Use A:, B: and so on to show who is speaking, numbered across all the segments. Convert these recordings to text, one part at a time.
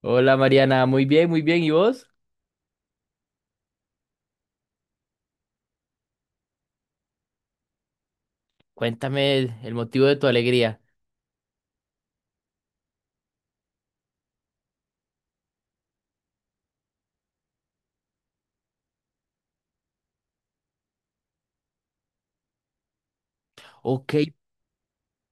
A: Hola Mariana, muy bien, muy bien. ¿Y vos? Cuéntame el motivo de tu alegría. Ok,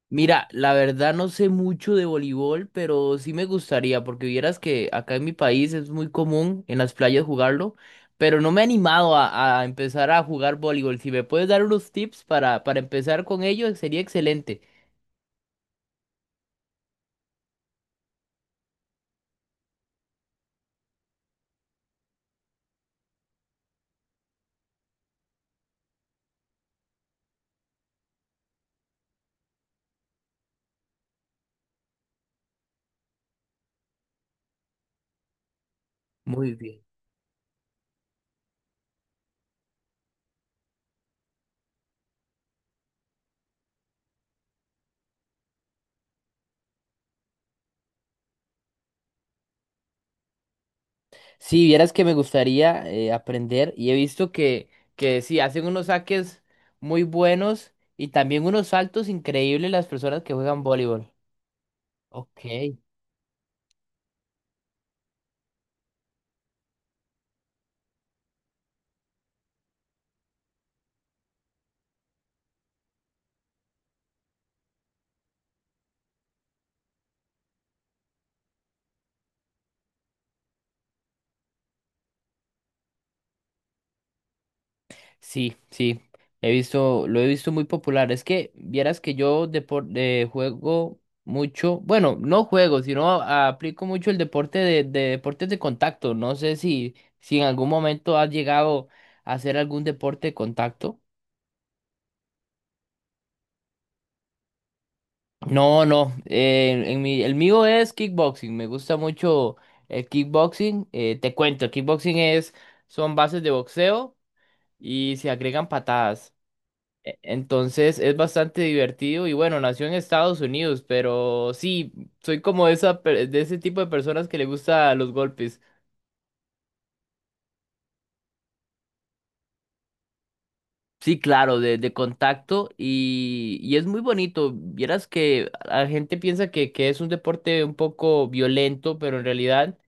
A: mira, la verdad no sé mucho de voleibol, pero sí me gustaría, porque vieras que acá en mi país es muy común en las playas jugarlo, pero no me he animado a empezar a jugar voleibol. Si me puedes dar unos tips para empezar con ello, sería excelente. Muy bien. Si vieras que me gustaría aprender y he visto que sí, hacen unos saques muy buenos y también unos saltos increíbles las personas que juegan voleibol. Ok. Sí, sí, he visto, lo he visto muy popular. Es que vieras que yo juego mucho, bueno, no juego, sino aplico mucho el deporte de deportes de contacto. No sé si, si en algún momento has llegado a hacer algún deporte de contacto. No, no. En mi, el mío es kickboxing. Me gusta mucho el kickboxing. Te cuento, el kickboxing es, son bases de boxeo y se agregan patadas. Entonces es bastante divertido y bueno, nació en Estados Unidos, pero sí, soy como esa, de ese tipo de personas que le gusta los golpes. Sí, claro, de contacto y es muy bonito. Vieras que la gente piensa que es un deporte un poco violento, pero en realidad…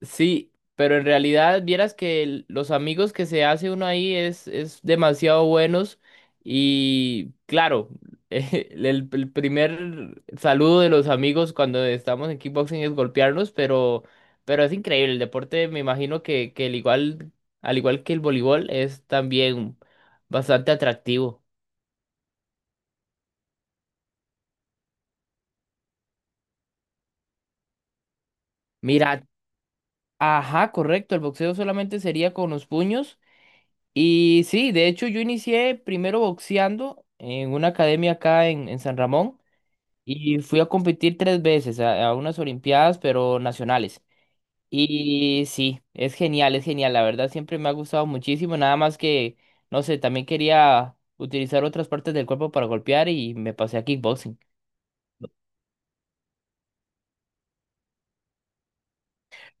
A: Sí, pero en realidad vieras que los amigos que se hace uno ahí es demasiado buenos y claro, el primer saludo de los amigos cuando estamos en kickboxing es golpearnos, pero es increíble. El deporte me imagino que el igual, al igual que el voleibol es también bastante atractivo. Mira, ajá, correcto, el boxeo solamente sería con los puños. Y sí, de hecho yo inicié primero boxeando en una academia en San Ramón y fui a competir tres veces a unas olimpiadas, pero nacionales. Y sí, es genial, la verdad siempre me ha gustado muchísimo, nada más que, no sé, también quería utilizar otras partes del cuerpo para golpear y me pasé a kickboxing.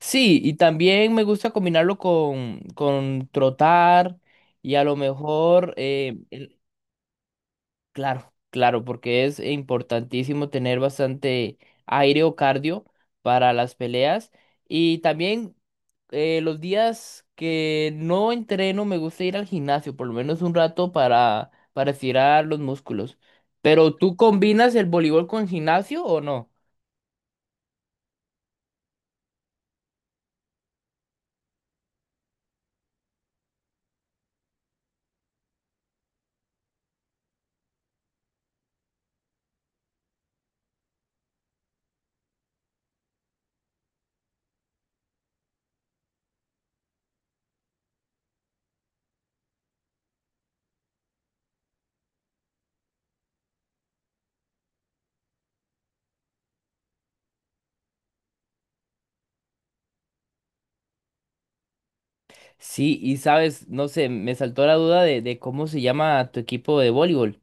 A: Sí, y también me gusta combinarlo con trotar y a lo mejor… Claro, claro, porque es importantísimo tener bastante aire o cardio para las peleas. Y también los días que no entreno me gusta ir al gimnasio, por lo menos un rato para estirar los músculos. Pero ¿tú combinas el voleibol con gimnasio o no? Sí, y sabes, no sé, me saltó la duda de cómo se llama tu equipo de voleibol.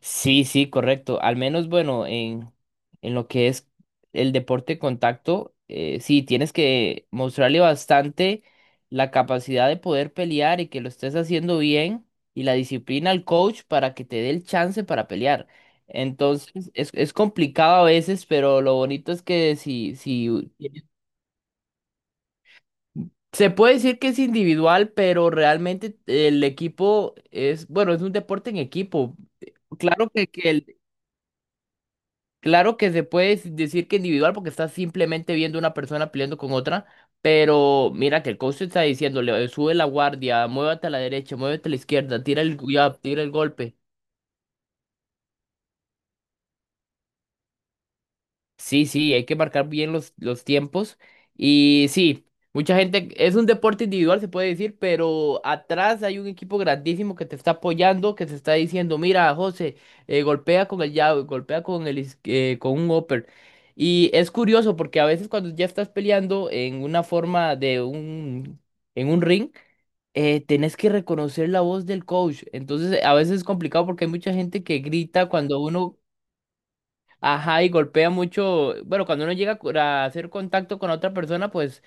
A: Sí, sí, correcto. Al menos, bueno, en lo que es el deporte de contacto, sí, tienes que mostrarle bastante la capacidad de poder pelear y que lo estés haciendo bien y la disciplina al coach para que te dé el chance para pelear. Entonces, es complicado a veces, pero lo bonito es que si, si se puede decir que es individual, pero realmente el equipo es, bueno, es un deporte en equipo. Claro que el. Claro que se puede decir que individual porque estás simplemente viendo una persona peleando con otra, pero mira que el coach te está diciéndole, sube la guardia, muévete a la derecha, muévete a la izquierda, tira el, ya, tira el golpe. Sí, sí, hay que marcar bien los tiempos. Y sí, mucha gente, es un deporte individual, se puede decir, pero atrás hay un equipo grandísimo que te está apoyando, que te está diciendo, mira, José, golpea con el jab, golpea con el, con un upper. Y es curioso porque a veces cuando ya estás peleando en una forma de un, en un ring, tenés que reconocer la voz del coach. Entonces, a veces es complicado porque hay mucha gente que grita cuando uno. Ajá, y golpea mucho. Bueno, cuando uno llega a a hacer contacto con otra persona, pues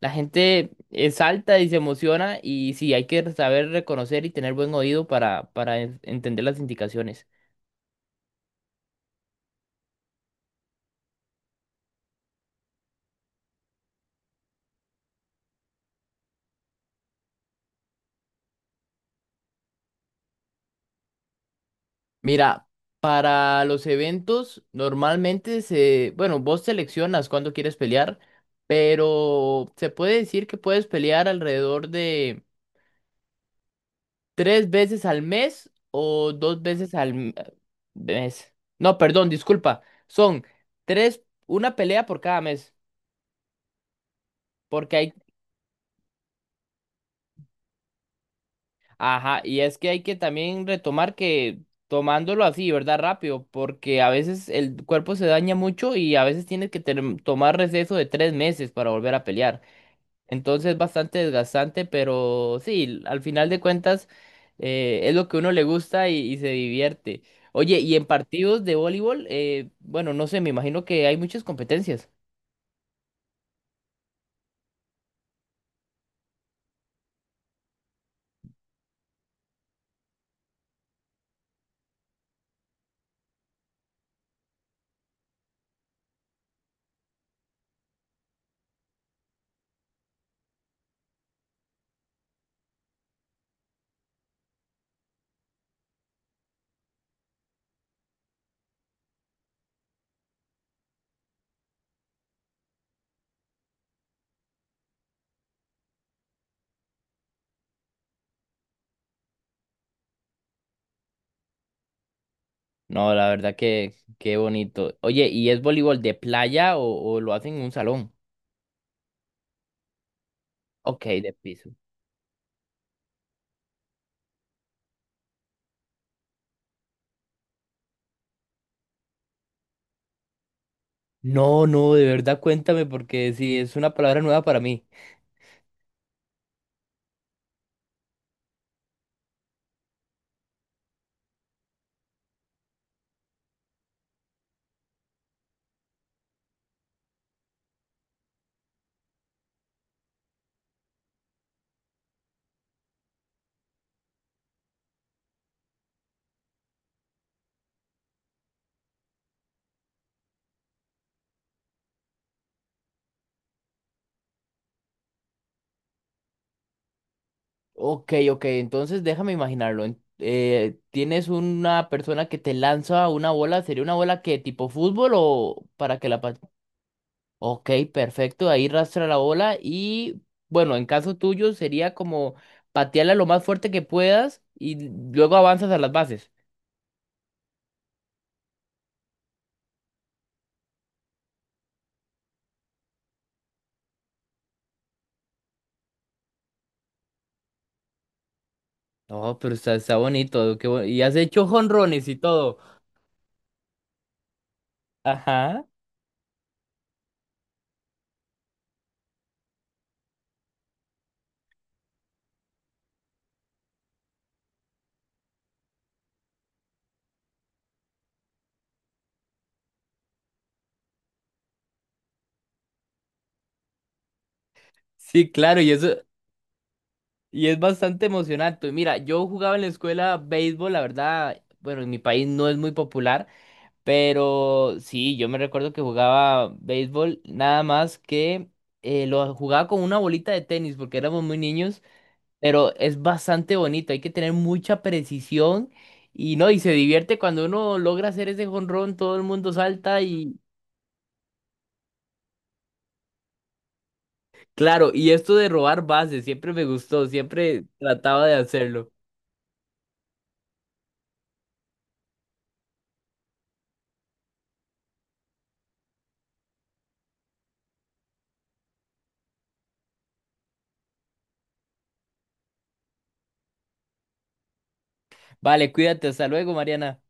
A: la gente salta y se emociona y sí, hay que saber reconocer y tener buen oído para entender las indicaciones. Mira, para los eventos normalmente se, bueno, vos seleccionas cuándo quieres pelear, pero se puede decir que puedes pelear alrededor de… ¿Tres veces al mes o dos veces al mes? No, perdón, disculpa. Son tres, una pelea por cada mes. Porque hay, ajá, y es que hay que también retomar que tomándolo así, ¿verdad? Rápido, porque a veces el cuerpo se daña mucho y a veces tienes que tomar receso de tres meses para volver a pelear. Entonces es bastante desgastante, pero sí, al final de cuentas es lo que uno le gusta y se divierte. Oye, y en partidos de voleibol, bueno, no sé, me imagino que hay muchas competencias. No, la verdad que qué bonito. Oye, ¿y es voleibol de playa o lo hacen en un salón? Ok, de piso. No, no, de verdad cuéntame porque sí, es una palabra nueva para mí. Ok, ok, entonces déjame imaginarlo. ¿Tienes una persona que te lanza una bola? ¿Sería una bola que tipo fútbol o para que la… Ok, perfecto, ahí rastra la bola y bueno, en caso tuyo sería como patearla lo más fuerte que puedas y luego avanzas a las bases. No, pero está, está bonito, y has hecho jonrones y todo. Ajá, sí, claro, y eso, y es bastante emocionante. Mira, yo jugaba en la escuela béisbol, la verdad, bueno, en mi país no es muy popular, pero sí, yo me recuerdo que jugaba béisbol, nada más que lo jugaba con una bolita de tenis porque éramos muy niños, pero es bastante bonito, hay que tener mucha precisión y no, y se divierte cuando uno logra hacer ese jonrón, todo el mundo salta y claro, y esto de robar bases, siempre me gustó, siempre trataba de hacerlo. Vale, cuídate, hasta luego, Mariana.